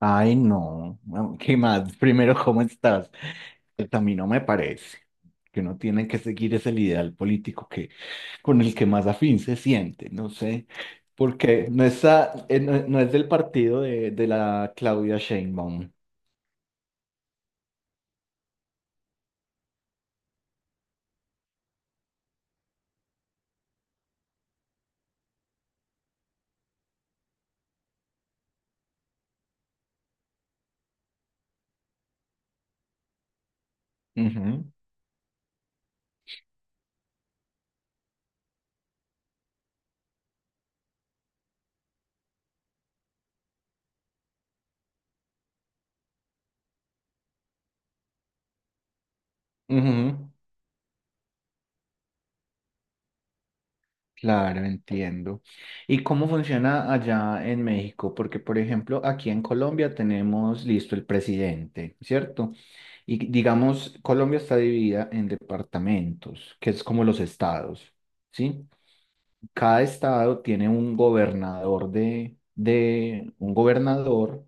Ay, no. ¿Qué más? Primero, ¿cómo estás? Pues a mí no me parece que uno tiene que seguir ese ideal político que, con el que más afín se siente, no sé. Porque no, está, no, no es del partido de la Claudia Sheinbaum. Ujú, ujú. Claro, entiendo. ¿Y cómo funciona allá en México? Porque, por ejemplo, aquí en Colombia tenemos listo el presidente, ¿cierto? Y digamos, Colombia está dividida en departamentos, que es como los estados, ¿sí? Cada estado tiene un gobernador de un gobernador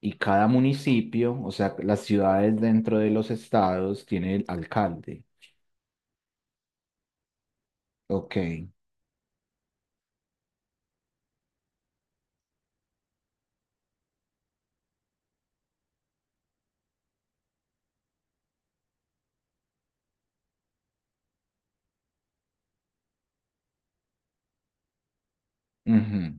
y cada municipio, o sea, las ciudades dentro de los estados tiene el alcalde. Ok. Ujú.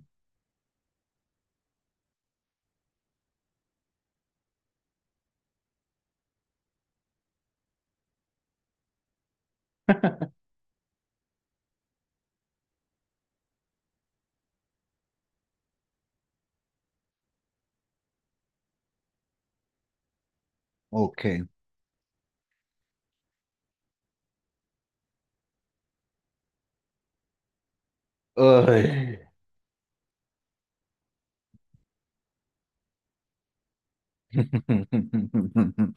Ok. Ay.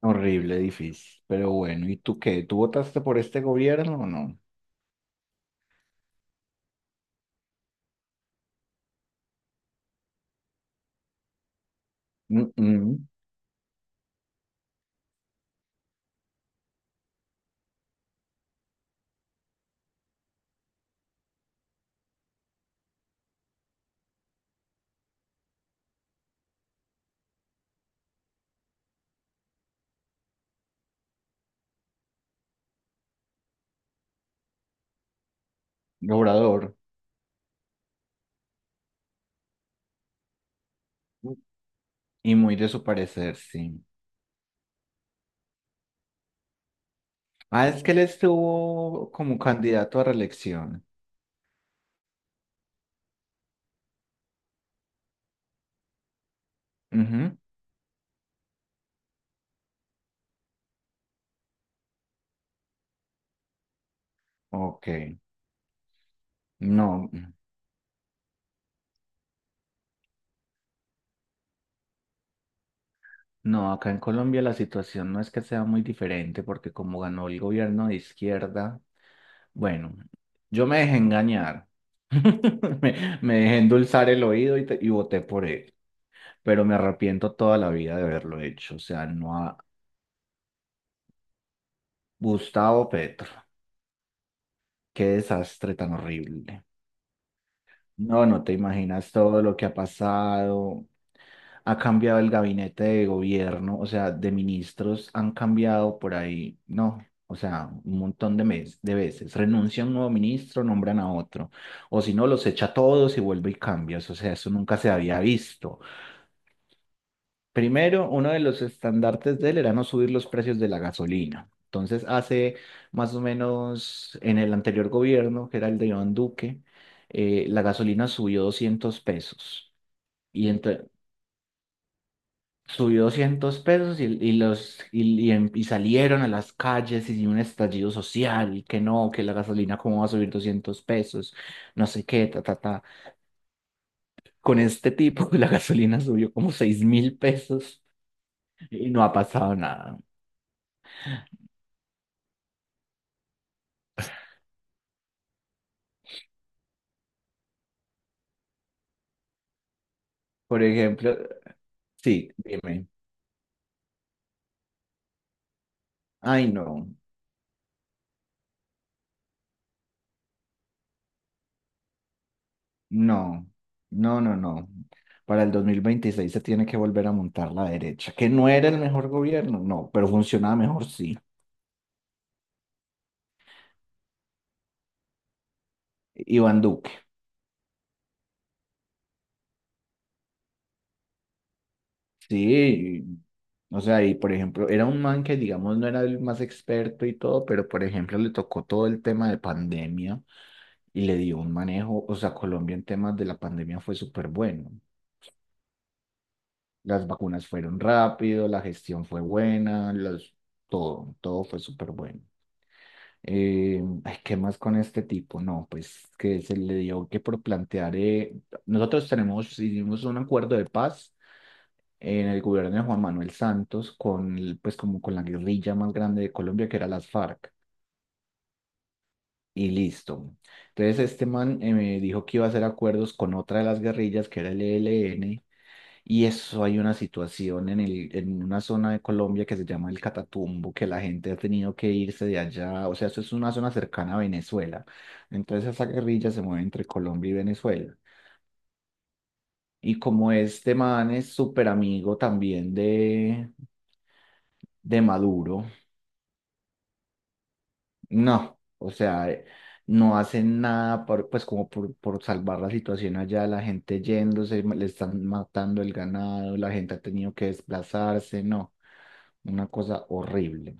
Horrible, difícil. Pero bueno, ¿y tú qué? ¿Tú votaste por este gobierno o no? Mm, mm. Obrador. Y muy de su parecer, sí. Ah, es que él estuvo como candidato a reelección. Ujú. Ok. No, no, acá en Colombia la situación no es que sea muy diferente porque como ganó el gobierno de izquierda, bueno, yo me dejé engañar. Me dejé endulzar el oído y, y voté por él. Pero me arrepiento toda la vida de haberlo hecho. O sea, no a Gustavo Petro. Qué desastre tan horrible. No, no te imaginas todo lo que ha pasado. Ha cambiado el gabinete de gobierno, o sea, de ministros han cambiado por ahí, no, o sea, un montón de, de veces. Renuncia un nuevo ministro, nombran a otro. O si no, los echa a todos y vuelve y cambia. O sea, eso nunca se había visto. Primero, uno de los estandartes de él era no subir los precios de la gasolina. Entonces, hace más o menos en el anterior gobierno, que era el de Iván Duque, la gasolina subió 200 pesos. Y subió 200 pesos y los, y em- y salieron a las calles y un estallido social, y que no, que la gasolina cómo va a subir 200 pesos, no sé qué, ta, ta, ta. Con este tipo, la gasolina subió como 6000 pesos y no ha pasado nada. Por ejemplo, sí, dime. Ay, no, no, no, no, no. Para el 2026 se tiene que volver a montar la derecha, que no era el mejor gobierno, no, pero funcionaba mejor, sí. Iván Duque, sí. O sea, y por ejemplo, era un man que, digamos, no era el más experto y todo, pero por ejemplo, le tocó todo el tema de pandemia y le dio un manejo. O sea, Colombia en temas de la pandemia fue súper bueno. Las vacunas fueron rápido, la gestión fue buena, los, todo, todo fue súper bueno. Ay, ¿qué más con este tipo? No, pues que se le dio que por plantear, nosotros tenemos, hicimos un acuerdo de paz en el gobierno de Juan Manuel Santos con, pues como con la guerrilla más grande de Colombia que era las FARC y listo. Entonces este man me dijo que iba a hacer acuerdos con otra de las guerrillas que era el ELN y eso hay una situación en el, en una zona de Colombia que se llama el Catatumbo, que la gente ha tenido que irse de allá, o sea, eso es una zona cercana a Venezuela. Entonces esa guerrilla se mueve entre Colombia y Venezuela. Y como este man es súper amigo también de Maduro. No, o sea, no hacen nada por, pues como por salvar la situación allá, la gente yéndose, le están matando el ganado, la gente ha tenido que desplazarse, no, una cosa horrible.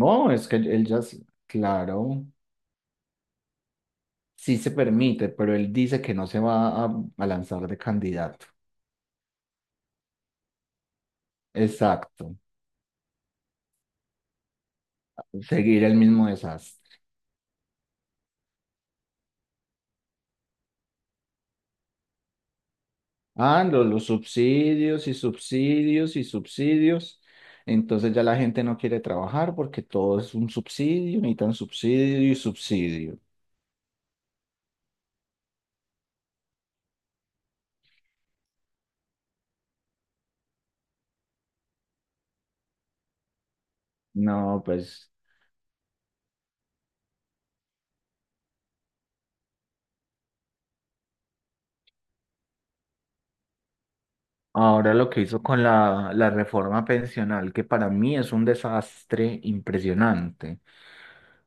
No, es que él ya, claro, sí se permite, pero él dice que no se a lanzar de candidato. Exacto, seguir el mismo desastre. Ah, los subsidios y subsidios y subsidios. Entonces ya la gente no quiere trabajar porque todo es un subsidio, necesitan subsidio y subsidio. No, pues ahora lo que hizo con la reforma pensional, que para mí es un desastre impresionante.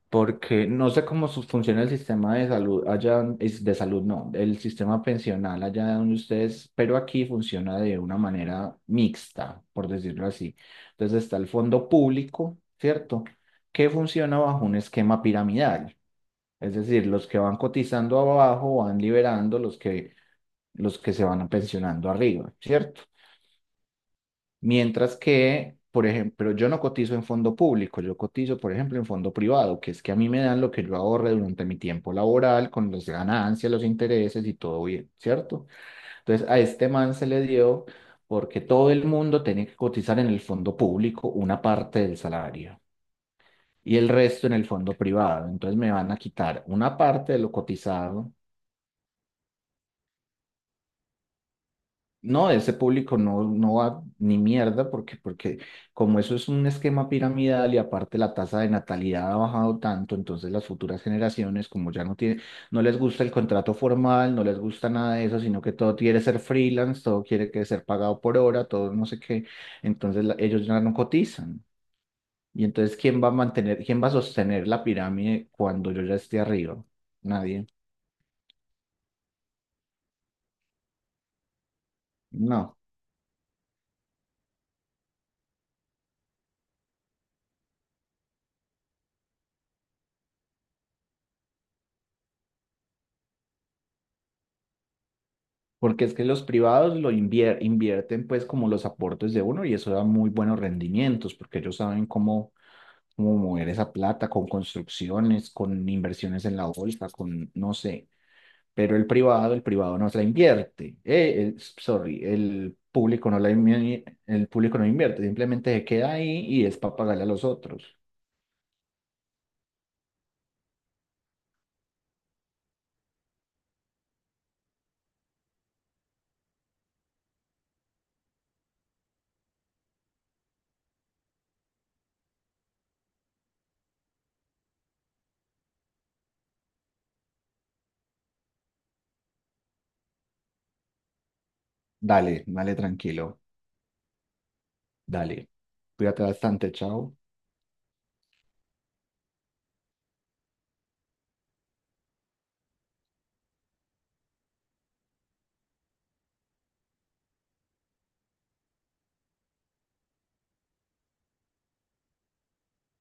Porque no sé cómo funciona el sistema de salud allá, es de salud no, el sistema pensional allá donde ustedes, pero aquí funciona de una manera mixta, por decirlo así. Entonces está el fondo público, ¿cierto? Que funciona bajo un esquema piramidal. Es decir, los que van cotizando abajo van liberando los que se van pensionando arriba, ¿cierto? Mientras que, por ejemplo, yo no cotizo en fondo público, yo cotizo, por ejemplo, en fondo privado, que es que a mí me dan lo que yo ahorre durante mi tiempo laboral, con las ganancias, los intereses y todo bien, ¿cierto? Entonces, a este man se le dio porque todo el mundo tenía que cotizar en el fondo público una parte del salario y el resto en el fondo privado. Entonces, me van a quitar una parte de lo cotizado. No, ese público no, no va ni mierda porque, porque como eso es un esquema piramidal y aparte la tasa de natalidad ha bajado tanto, entonces las futuras generaciones como ya no tiene, no les gusta el contrato formal, no les gusta nada de eso, sino que todo quiere ser freelance, todo quiere que ser pagado por hora, todo no sé qué, entonces ellos ya no cotizan. Y entonces, ¿quién va a mantener, quién va a sostener la pirámide cuando yo ya esté arriba? Nadie. No. Porque es que los privados lo invierten pues como los aportes de uno y eso da muy buenos rendimientos porque ellos saben cómo, cómo mover esa plata con construcciones, con inversiones en la bolsa, con no sé. Pero el privado no se la invierte. Sorry, el público no el público no invierte, simplemente se queda ahí y es para pagarle a los otros. Dale, dale tranquilo, dale. Cuídate bastante, chao.